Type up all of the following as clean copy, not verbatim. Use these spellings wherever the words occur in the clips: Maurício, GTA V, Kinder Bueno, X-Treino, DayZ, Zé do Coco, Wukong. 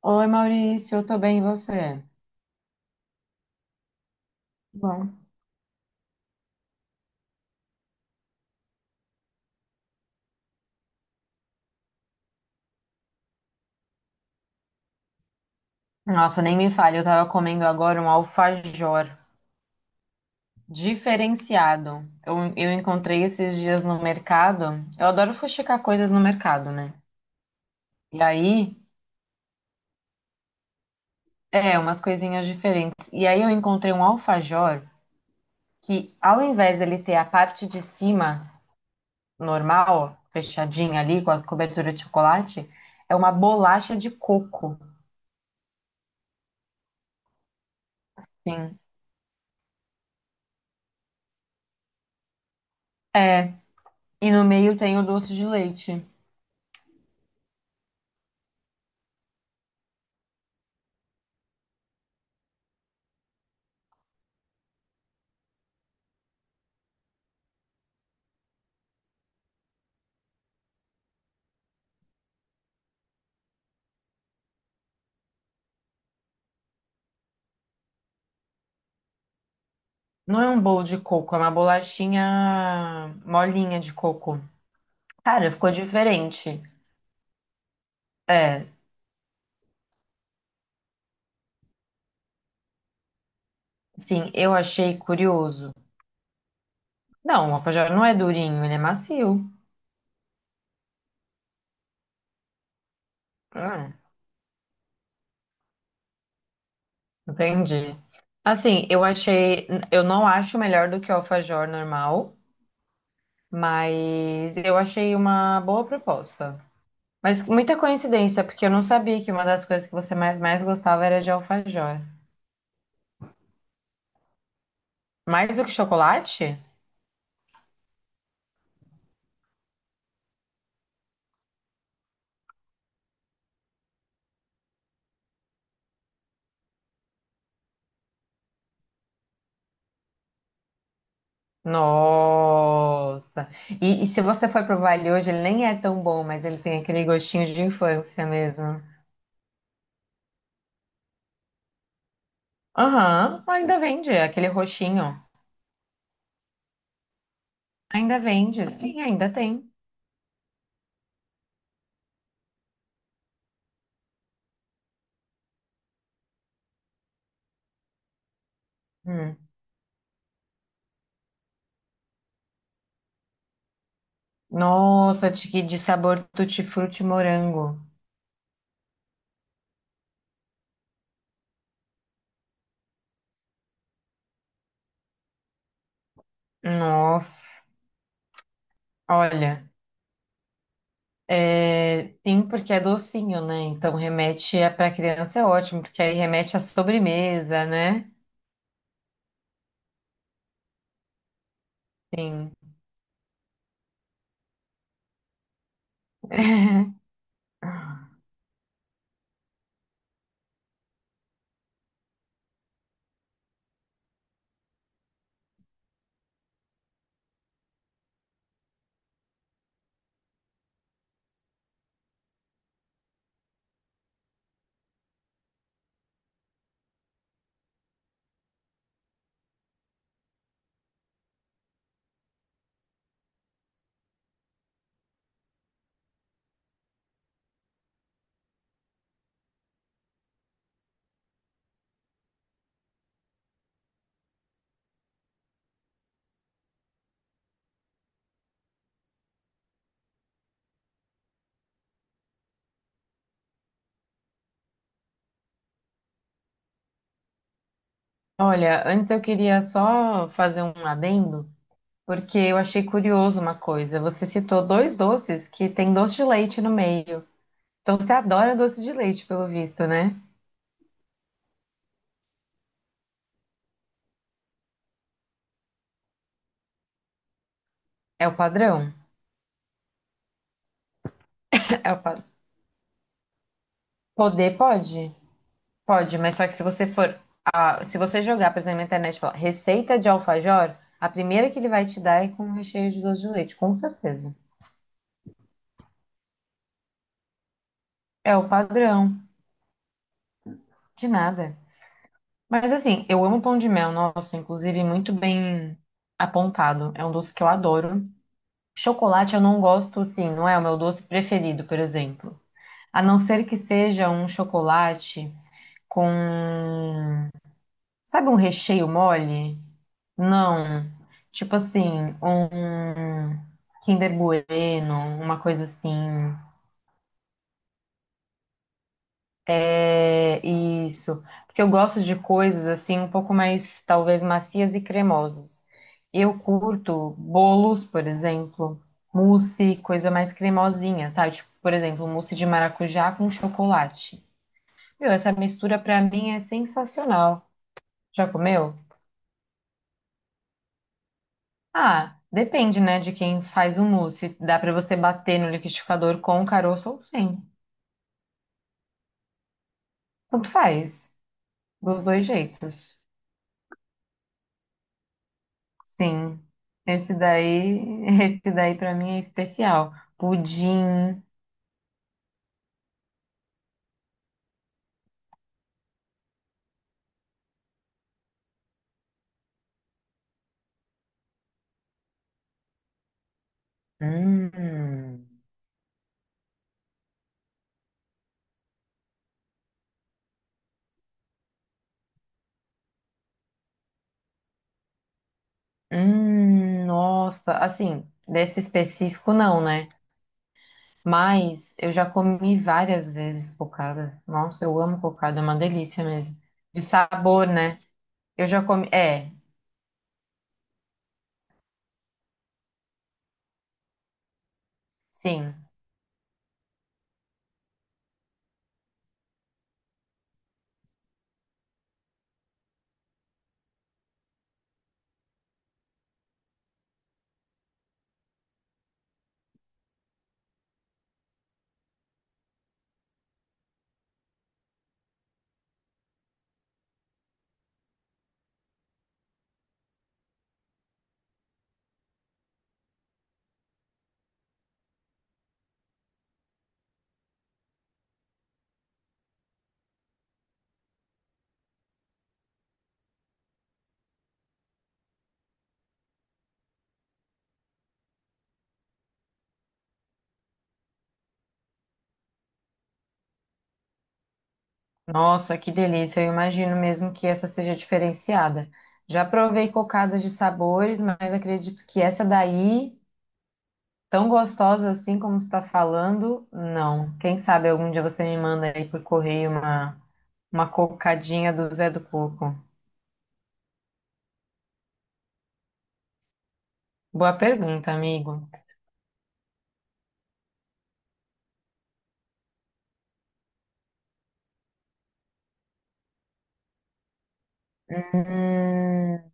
Oi, Maurício, eu tô bem, e você? Bom, nossa, nem me fale, eu tava comendo agora um alfajor diferenciado. Eu encontrei esses dias no mercado. Eu adoro fuxicar coisas no mercado, né? E aí, é, umas coisinhas diferentes. E aí eu encontrei um alfajor que, ao invés dele ter a parte de cima normal, fechadinha ali, com a cobertura de chocolate, é uma bolacha de coco. Sim. É, e no meio tem o doce de leite. Não é um bolo de coco, é uma bolachinha molinha de coco. Cara, ficou diferente. É, sim, eu achei curioso. Não, o alfajor não é durinho, ele é macio. Hum, entendi. Assim, eu achei. Eu não acho melhor do que o alfajor normal, mas eu achei uma boa proposta. Mas muita coincidência, porque eu não sabia que uma das coisas que você mais gostava era de alfajor. Mais do que chocolate? Nossa. E se você for provar ele hoje, ele nem é tão bom, mas ele tem aquele gostinho de infância mesmo. Aham, ainda vende, aquele roxinho. Ainda vende, sim, ainda tem. Hum. Nossa, de sabor tutti-frutti morango. Nossa, olha. É, sim, porque é docinho, né? Então remete a, pra criança é ótimo, porque aí remete à sobremesa, né? Sim. Olha, antes eu queria só fazer um adendo, porque eu achei curioso uma coisa. Você citou dois doces que tem doce de leite no meio. Então você adora doce de leite, pelo visto, né? É o padrão. É o padrão. Poder pode? Pode, mas só que se você for, ah, se você jogar, por exemplo, na internet, e falar receita de alfajor, a primeira que ele vai te dar é com recheio de doce de leite, com certeza. É o padrão. De nada. Mas assim, eu amo pão de mel, nossa, inclusive muito bem apontado. É um doce que eu adoro. Chocolate eu não gosto, assim não é o meu doce preferido, por exemplo. A não ser que seja um chocolate com, sabe, um recheio mole? Não. Tipo assim, um Kinder Bueno, uma coisa assim. É isso. Porque eu gosto de coisas assim um pouco mais, talvez, macias e cremosas. Eu curto bolos, por exemplo, mousse, coisa mais cremosinha, sabe? Tipo, por exemplo, mousse de maracujá com chocolate. Meu, essa mistura pra mim é sensacional. Já comeu? Ah, depende, né, de quem faz o mousse. Dá pra você bater no liquidificador com o caroço ou sem. Tanto faz, dos dois jeitos. Sim, esse daí, esse daí para mim é especial. Pudim. Hum, nossa, assim, desse específico não, né? Mas eu já comi várias vezes cocada. Nossa, eu amo cocada, é uma delícia mesmo. De sabor, né? Eu já comi, é, sim. Nossa, que delícia. Eu imagino mesmo que essa seja diferenciada. Já provei cocadas de sabores, mas acredito que essa daí tão gostosa assim como você está falando? Não. Quem sabe algum dia você me manda aí por correio uma cocadinha do Zé do Coco. Boa pergunta, amigo. Hum,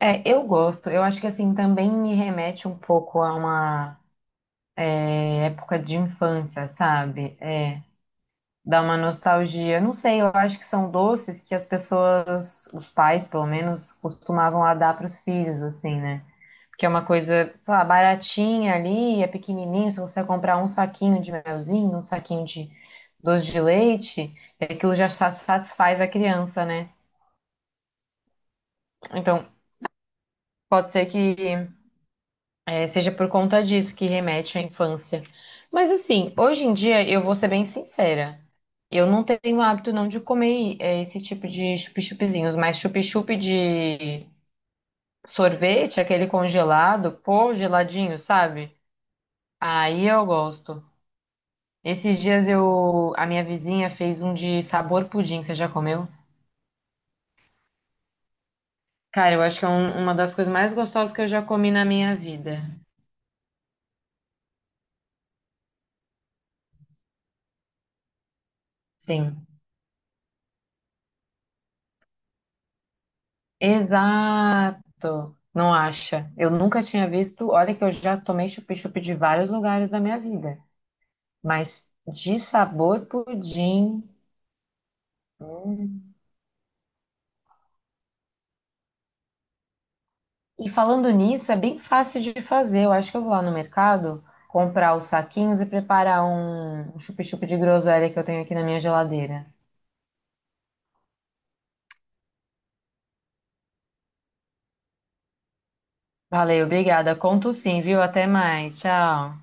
é, eu gosto. Eu acho que assim também me remete um pouco a uma é, época de infância, sabe? É, dá uma nostalgia. Não sei, eu acho que são doces que as pessoas, os pais pelo menos, costumavam a dar para os filhos, assim, né? Que é uma coisa, sei lá, baratinha ali, é pequenininho, se você comprar um saquinho de melzinho, um saquinho de doce de leite, aquilo já sa- satisfaz a criança, né? Então, pode ser que é, seja por conta disso que remete à infância. Mas assim, hoje em dia, eu vou ser bem sincera, eu não tenho hábito não de comer é, esse tipo de chup-chupizinhos, mas chup-chup de sorvete, aquele congelado, pô, geladinho, sabe? Aí eu gosto. Esses dias eu, a minha vizinha fez um de sabor pudim, você já comeu? Cara, eu acho que é um- uma das coisas mais gostosas que eu já comi na minha vida. Sim. Exato. Não acha? Eu nunca tinha visto. Olha que eu já tomei chup-chup de vários lugares da minha vida, mas de sabor pudim. Hum. E falando nisso, é bem fácil de fazer. Eu acho que eu vou lá no mercado comprar os saquinhos e preparar um chup-chup de groselha que eu tenho aqui na minha geladeira. Valeu, obrigada. Conto sim, viu? Até mais. Tchau.